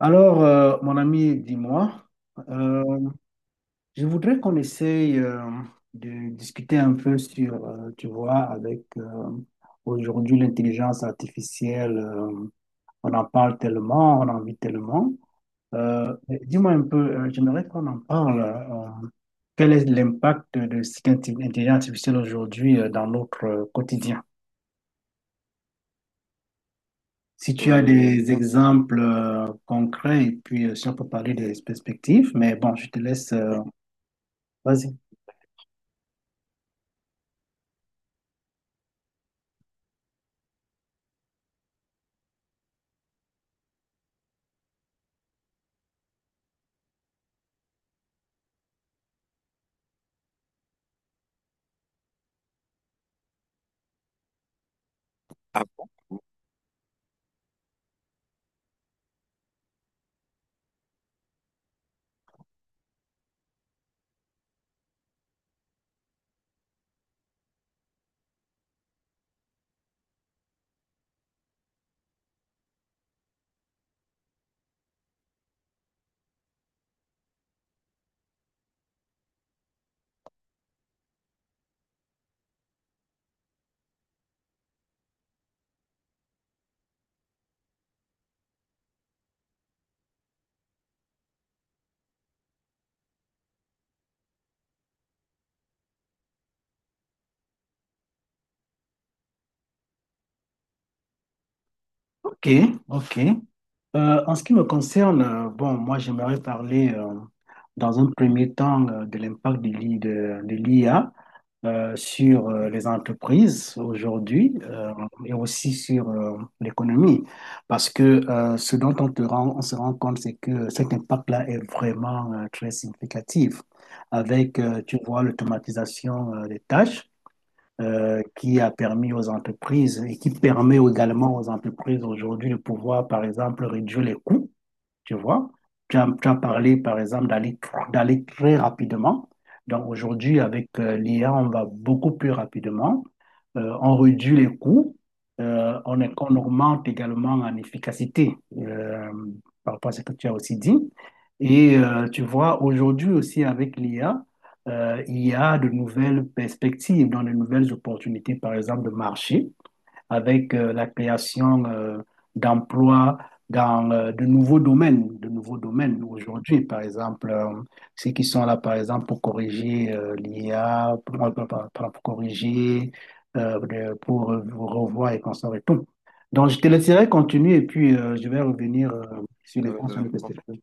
Alors, mon ami, dis-moi, euh, je voudrais qu'on essaye de discuter un peu sur, tu vois, avec aujourd'hui l'intelligence artificielle, on en parle tellement, on en vit tellement. Mais dis-moi un peu, j'aimerais qu'on en parle. Quel est l'impact de cette intelligence artificielle aujourd'hui dans notre quotidien? Si tu as des exemples concrets et puis si on peut parler des perspectives, mais bon, je te laisse, vas-y. Ok, ok. En ce qui me concerne, bon, moi j'aimerais parler dans un premier temps de l'impact de l'IA sur les entreprises aujourd'hui et aussi sur l'économie. Parce que ce dont on se rend compte, c'est que cet impact-là est vraiment très significatif avec, tu vois, l'automatisation des tâches qui a permis aux entreprises et qui permet également aux entreprises aujourd'hui de pouvoir, par exemple, réduire les coûts tu vois. Tu as parlé, par exemple, d'aller très rapidement. Donc aujourd'hui, avec l'IA, on va beaucoup plus rapidement. On réduit les coûts. On augmente également en efficacité par rapport à ce que tu as aussi dit. Et tu vois, aujourd'hui aussi avec l'IA, il y a de nouvelles perspectives, dans de nouvelles opportunités, par exemple, de marché avec la création d'emplois dans de nouveaux domaines aujourd'hui, par exemple, ceux qui sont là, par exemple, pour corriger l'IA, pour corriger, pour revoir et conserver tout. Donc, je te laisserai continuer et puis je vais revenir sur les points sur lesquels tu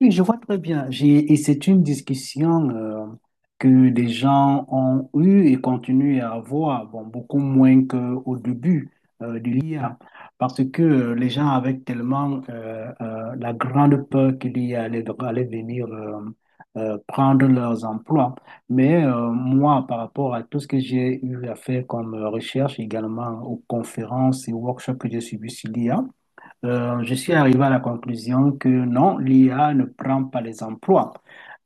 Oui, je vois très bien. Et c'est une discussion que les gens ont eue et continuent à avoir, bon, beaucoup moins qu'au début de l'IA, parce que les gens avaient tellement la grande peur qu'il l'IA allait venir prendre leurs emplois. Mais moi, par rapport à tout ce que j'ai eu à faire comme recherche également aux conférences et workshops que j'ai suivis sur l'IA, je suis arrivé à la conclusion que non, l'IA ne prend pas les emplois.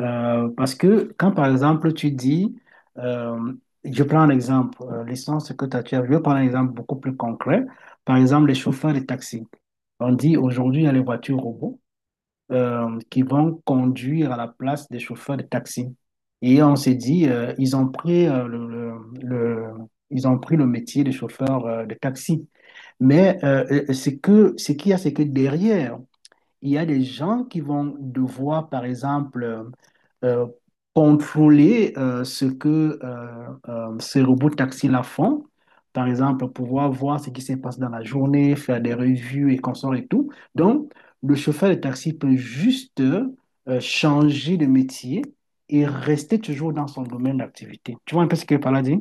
Parce que quand, par exemple, tu dis, euh, je prends un exemple, l'essence que t'as- tu as, je vais prendre un exemple beaucoup plus concret. Par exemple, les chauffeurs de taxi. On dit aujourd'hui, il y a les voitures robots qui vont conduire à la place des chauffeurs de taxi. Et on s'est dit, ils ont pris, le- ils ont pris le métier de chauffeur de taxi. Mais ce qu'il y a, c'est que derrière, il y a des gens qui vont devoir, par exemple, euh, contrôler ce que ces robots taxis-là font. Par exemple, pouvoir voir ce qui se passe dans la journée, faire des revues et consorts et tout. Donc, le chauffeur de taxi peut juste changer de métier et rester toujours dans son domaine d'activité. Tu vois un peu ce que Paladin?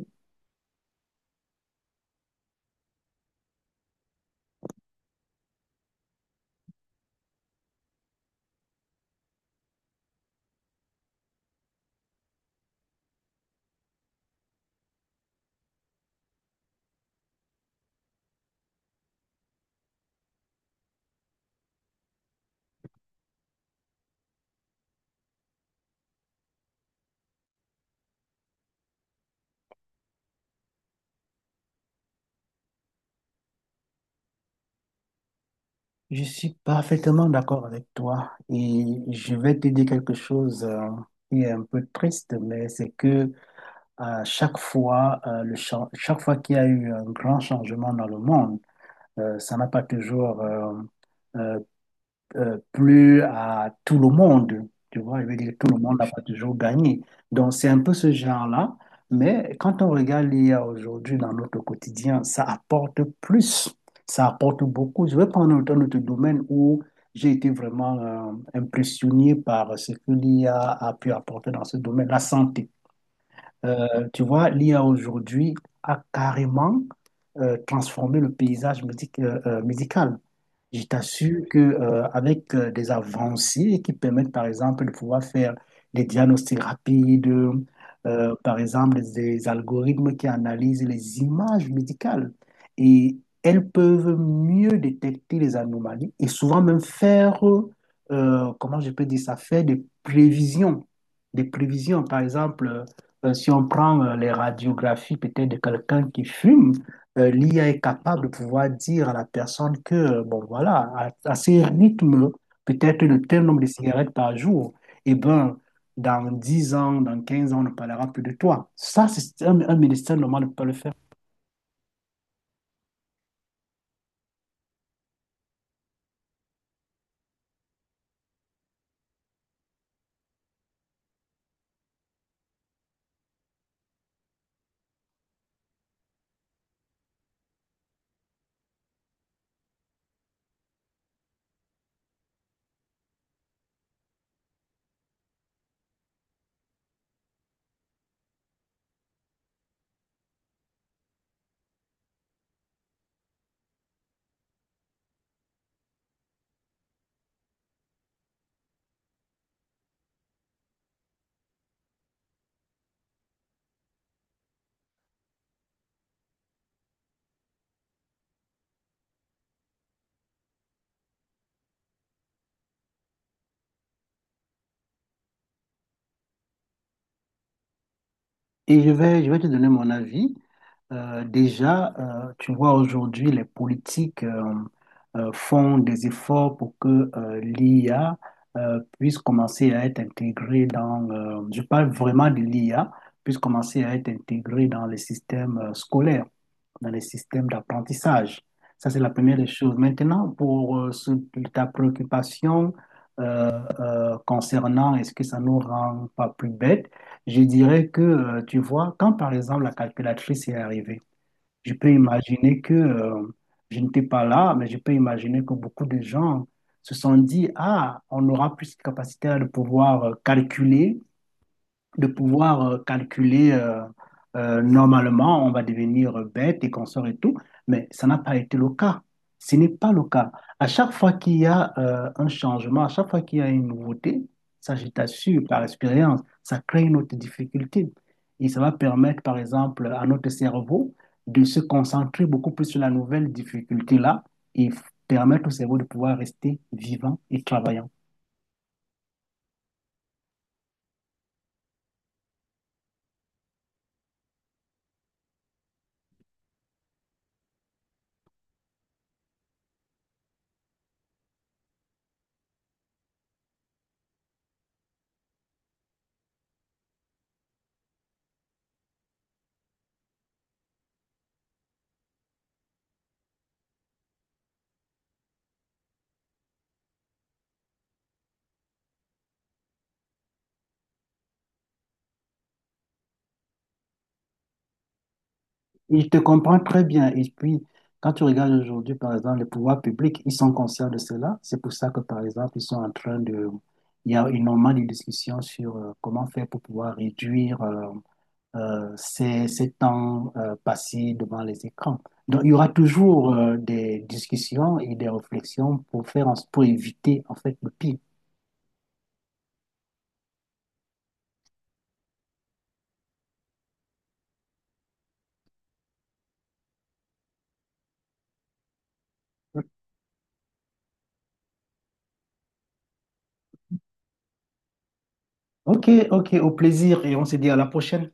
Je suis parfaitement d'accord avec toi et je vais te dire quelque chose qui est un peu triste, mais c'est que à chaque fois, chaque fois qu'il y a eu un grand changement dans le monde, ça n'a pas toujours euh, plus à tout le monde. Tu vois, je veux dire, tout le monde n'a pas toujours gagné. Donc, c'est un peu ce genre-là. Mais quand on regarde l'IA aujourd'hui dans notre quotidien, ça apporte plus. Ça apporte beaucoup. Je vais prendre un autre domaine où j'ai été vraiment impressionné par ce que l'IA a pu apporter dans ce domaine, la santé. Tu vois, l'IA aujourd'hui a carrément transformé le paysage médical. Je t'assure que, avec des avancées qui permettent, par exemple, de pouvoir faire des diagnostics rapides, par exemple, des algorithmes qui analysent les images médicales, et elles peuvent mieux détecter les anomalies et souvent même faire, comment je peux dire ça, faire des prévisions. Des prévisions, par exemple, si on prend les radiographies peut-être de quelqu'un qui fume, l'IA est capable de pouvoir dire à la personne que, bon, voilà, à ce rythme, peut-être de tel nombre de cigarettes par jour, eh ben, dans 10 ans, dans 15 ans, on ne parlera plus de toi. Ça, c'est un médecin normal ne peut pas le faire. Et je vais te donner mon avis. Déjà, tu vois, aujourd'hui, les politiques font des efforts pour que l'IA puisse commencer à être intégrée dans, je parle vraiment de l'IA, puisse commencer à être intégrée dans les systèmes scolaires dans les systèmes d'apprentissage. Ça, c'est la première des choses. Maintenant, pour ta préoccupation concernant est-ce que ça nous rend pas plus bêtes, je dirais que, tu vois, quand par exemple la calculatrice est arrivée, je peux imaginer que je n'étais pas là, mais je peux imaginer que beaucoup de gens se sont dit, ah, on aura plus de capacité à de pouvoir calculer de pouvoir euh, calculer euh, normalement, on va devenir bête et consort et tout, mais ça n'a pas été le cas. Ce n'est pas le cas. À chaque fois qu'il y a un changement, à chaque fois qu'il y a une nouveauté, ça, je t'assure, par expérience, ça crée une autre difficulté. Et ça va permettre, par exemple, à notre cerveau de se concentrer beaucoup plus sur la nouvelle difficulté-là et permettre au cerveau de pouvoir rester vivant et travaillant. Ils te comprennent très bien. Et puis, quand tu regardes aujourd'hui, par exemple, les pouvoirs publics, ils sont conscients de cela. C'est pour ça que, par exemple, ils sont en train de... Il y a énormément de discussions sur comment faire pour pouvoir réduire ces temps passés devant les écrans. Donc, il y aura toujours des discussions et des réflexions pour faire, pour éviter en fait le pire. Ok, ok, au plaisir et on se dit à la prochaine.